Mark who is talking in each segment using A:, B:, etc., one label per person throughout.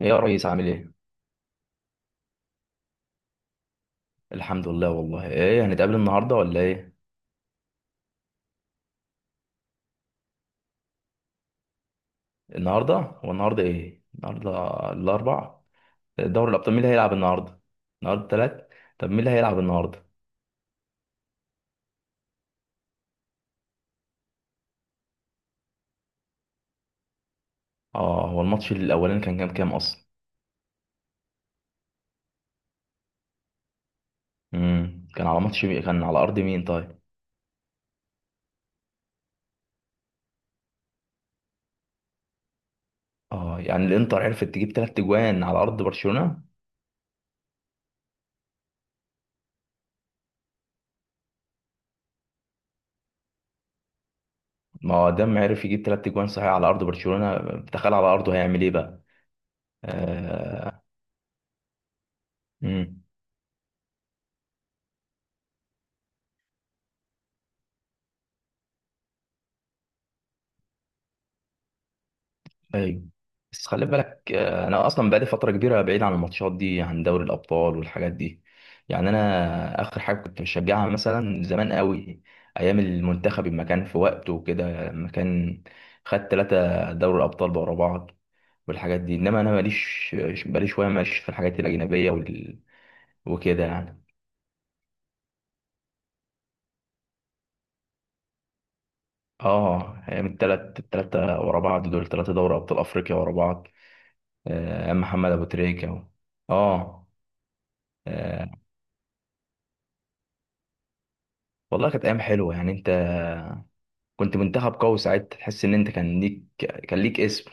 A: ايه يا ريس عامل ايه؟ الحمد لله والله. ايه هنتقابل النهارده ولا ايه؟ النهارده هو النهارده ايه؟ النهارده الاربع. دوري الابطال مين اللي هيلعب النهارده؟ النهارده تلات. طب مين اللي هيلعب النهارده؟ اه هو الماتش الاولاني كان كام كام اصلا؟ كان على ماتش مين؟ كان على ارض مين طيب؟ اه يعني الانتر عرفت تجيب تلات اجوان على ارض برشلونه. ما هو دام عرف يجيب تلات اجوان صحيح على ارض برشلونه، تخيل على ارضه هيعمل ايه بقى؟ آه. مم. ايوه، بس خلي بالك، انا اصلا بقالي فتره كبيره بعيد عن الماتشات دي، عن دوري الابطال والحاجات دي. يعني انا اخر حاجه كنت بشجعها مثلا زمان قوي، ايام المنتخب لما كان في وقته وكده، لما كان خد ثلاثه دوري الابطال ورا بعض والحاجات دي. انما انا ماليش بقالي شويه ماشي في الحاجات الاجنبيه وال... وكده يعني. اه ايام الثلاث الثلاثه ورا بعض دول، ثلاثه دوري ابطال افريقيا ورا بعض. آه، ايام محمد ابو تريكه و... اه. آه، والله كانت ايام حلوه. يعني انت كنت منتخب قوي ساعتها، تحس ان انت كان ليك، كان ليك اسم.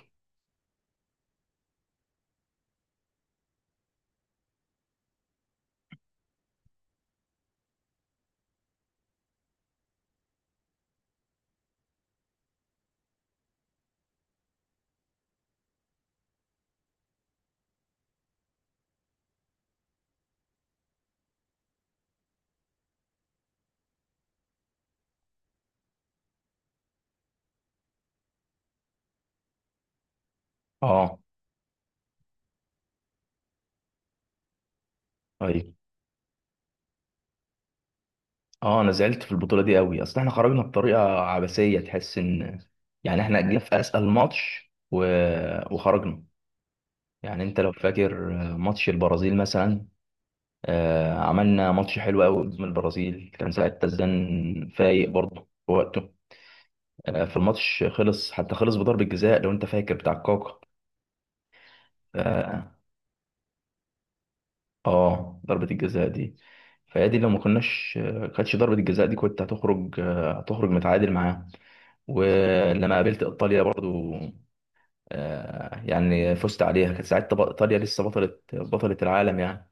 A: اه. طيب. اه انا زعلت في البطوله دي قوي، اصل احنا خرجنا بطريقه عبثيه. تحس ان يعني احنا جينا في اسال ماتش و... وخرجنا. يعني انت لو فاكر ماتش البرازيل مثلا، آه عملنا ماتش حلو قوي قدام البرازيل. كان ساعتها الزن فايق برضه في وقته. آه في الماتش خلص، حتى خلص بضربه جزاء لو انت فاكر، بتاع كاكا. اه ضربة الجزاء دي، فهي دي لو ما كناش كانتش ضربة الجزاء دي كنت هتخرج، آه، هتخرج متعادل معاهم. ولما قابلت ايطاليا برضو، آه، يعني فزت عليها، كانت ساعتها ايطاليا لسه بطلة بطلة العالم يعني.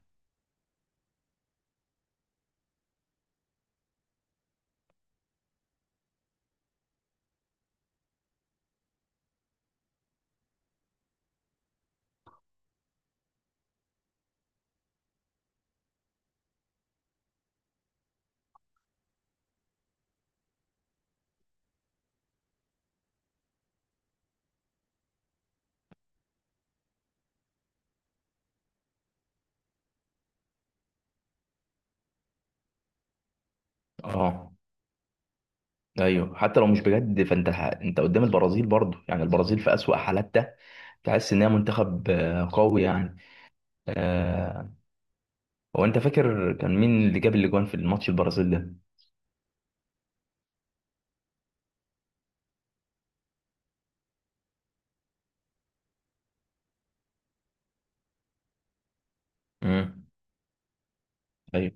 A: اه ايوه، حتى لو مش بجد فانت انت قدام البرازيل برضو. يعني البرازيل في اسوأ حالاتها تحس ان هي منتخب، آه، قوي يعني. آه، هو انت فاكر كان مين اللي جاب الاجوان في الماتش البرازيل ده؟ امم ايوه.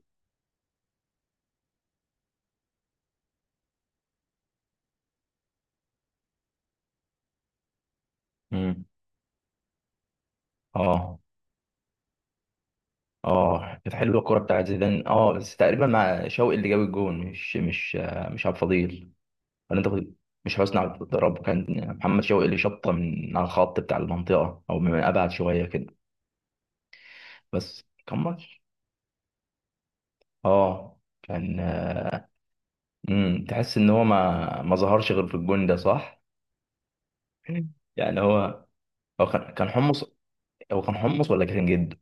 A: امم اه. اه كانت حلوه الكوره بتاعت زيدان. اه بس تقريبا مع شوقي اللي جاب الجون، مش آه، مش عبد الفضيل. ولا انت مش حسني عبد الرب، كان محمد شوقي اللي شطه من على الخط بتاع المنطقه او من ابعد شويه كده. بس كان ماتش، اه كان، تحس ان هو ما ظهرش غير في الجون ده، صح؟ يعني هو، هو كان كان حمص. هو كان حمص ولا كان جد؟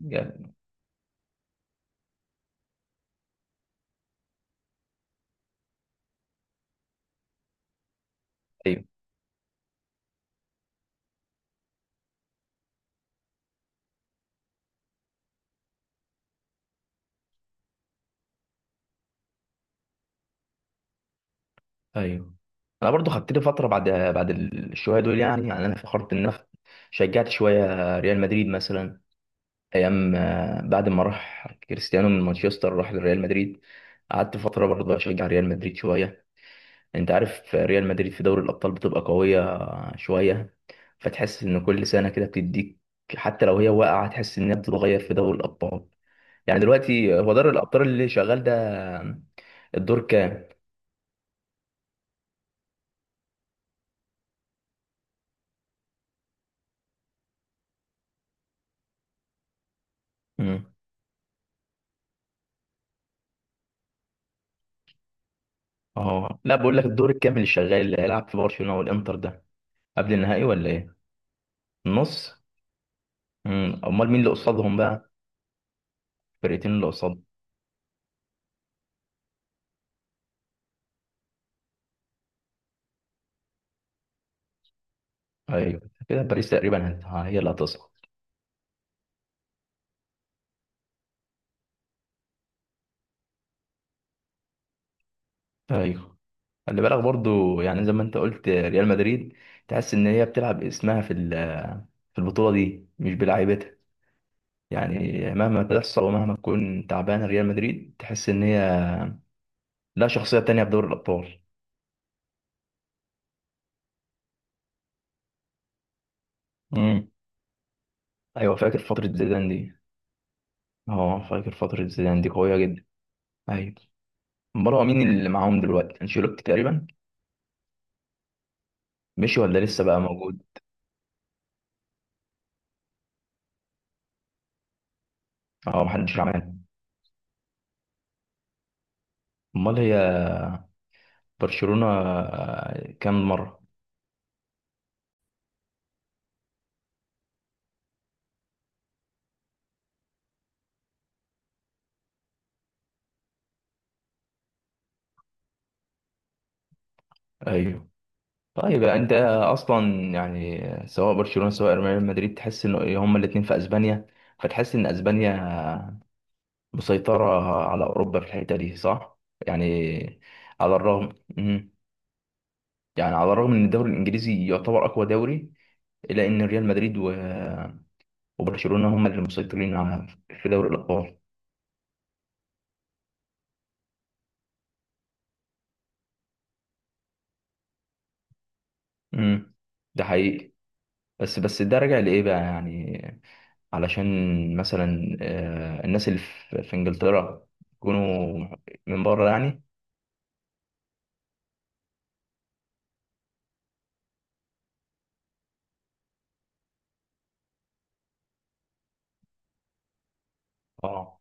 A: يعني ايوه. انا برضو خدت لي فتره بعد الشويه دول. يعني يعني انا فخرت ان انا شجعت شويه ريال مدريد مثلا، ايام، آه، بعد ما راح كريستيانو من مانشستر راح لريال مدريد، قعدت فتره برضو اشجع ريال مدريد شويه. انت عارف ريال مدريد في دوري الابطال بتبقى قويه شويه، فتحس ان كل سنه كده بتديك، حتى لو هي واقعه تحس انها بتتغير في دوري الابطال. يعني دلوقتي هو دوري الابطال اللي شغال ده الدور كام؟ اه لا، بقول لك الدور الكامل الشغال اللي هيلعب في برشلونة والانتر ده، قبل النهائي ولا ايه؟ النص. امال مين اللي قصادهم بقى، الفرقتين اللي قصادهم؟ ايوه كده باريس تقريبا هي اللي هتصعد. ايوه خلي بالك برضو يعني، زي ما انت قلت ريال مدريد تحس ان هي بتلعب اسمها في في البطولة دي مش بلاعيبتها. يعني مهما تحصل ومهما تكون تعبانة، ريال مدريد تحس ان هي لا، شخصية تانية في دوري الابطال. امم ايوه فاكر فترة زيدان دي. اه فاكر فترة زيدان دي قوية جدا. ايوه. امال هو مين اللي معاهم دلوقتي، انشيلوتي تقريبا؟ مشي ولا لسه بقى موجود؟ اه محدش عمل. امال هي برشلونة، آه، كام مرة؟ ايوه. طيب انت اصلا يعني، سواء برشلونة سواء ريال مدريد، تحس ان هما الاتنين في اسبانيا، فتحس ان اسبانيا مسيطرة على اوروبا في الحتة دي، صح؟ يعني على الرغم، يعني على الرغم ان الدوري الانجليزي يعتبر اقوى دوري، الا ان ريال مدريد و... وبرشلونة هما اللي مسيطرين على، في دوري الابطال. امم ده حقيقي. بس ده راجع لايه بقى يعني؟ علشان مثلا، آه، الناس اللي في انجلترا يكونوا من بره يعني؟ اه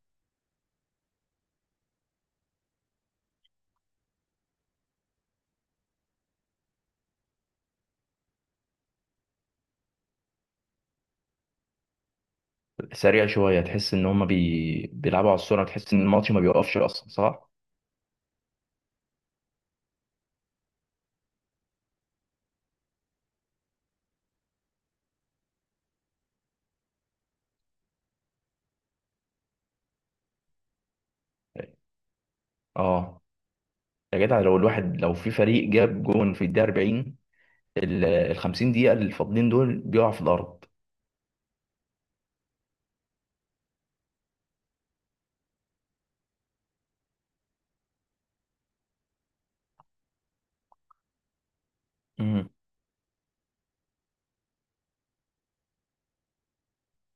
A: سريع شويه، تحس ان هم بي... بيلعبوا على السرعه، تحس ان الماتش ما بيوقفش اصلا، صح؟ اه يا جدع، لو الواحد لو في فريق جاب جون في الدقيقه 40، ال ال 50 دقيقه اللي فاضلين دول بيقعوا في الارض. امم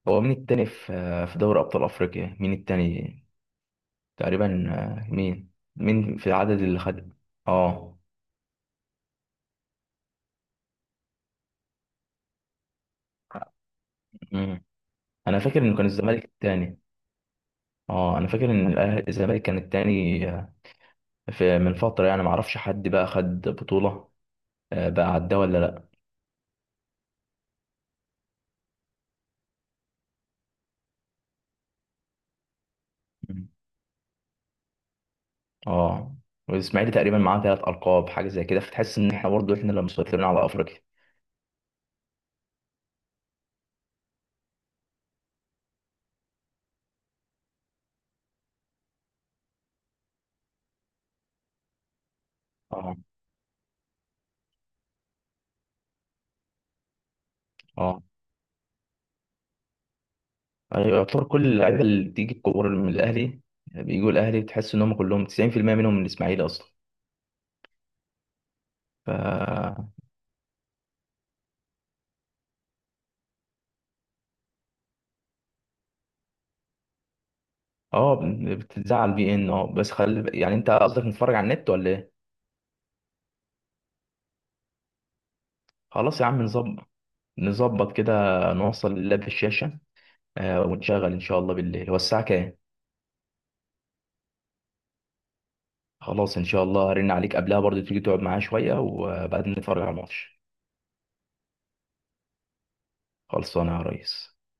A: هو مين التاني في، في دوري ابطال افريقيا مين التاني تقريبا، آه، مين؟ مين في العدد اللي خد؟ اه. مم. انا فاكر انه كان الزمالك التاني. اه انا فاكر ان الزمالك كان التاني، آه، في من فتره. يعني ما اعرفش حد بقى خد بطوله، آه، بقى عداه ولا لا. مم. اه والاسماعيلي تقريبا معاه ثلاث القاب حاجه زي كده، فتحس ان احنا برضه احنا اللي مسيطرين على افريقيا. اه. اه أيوة، يعتبر كل اللعيبه اللي بتيجي الكوره من الاهلي، بيجوا الاهلي بتحس ان هم كلهم 90% منهم من الاسماعيلي اصلا. ف اه بتزعل بي ان. اه بس خل، يعني انت قصدك نتفرج على النت ولا ايه؟ خلاص يا عم نظبط، نظبط كده، نوصل اللاب في الشاشه، آه ونشغل ان شاء الله بالليل. هو الساعه كام؟ خلاص ان شاء الله هرن عليك قبلها برضه، تيجي تقعد معايا شويه وبعدين نتفرج على الماتش. خلصانه يا ريس.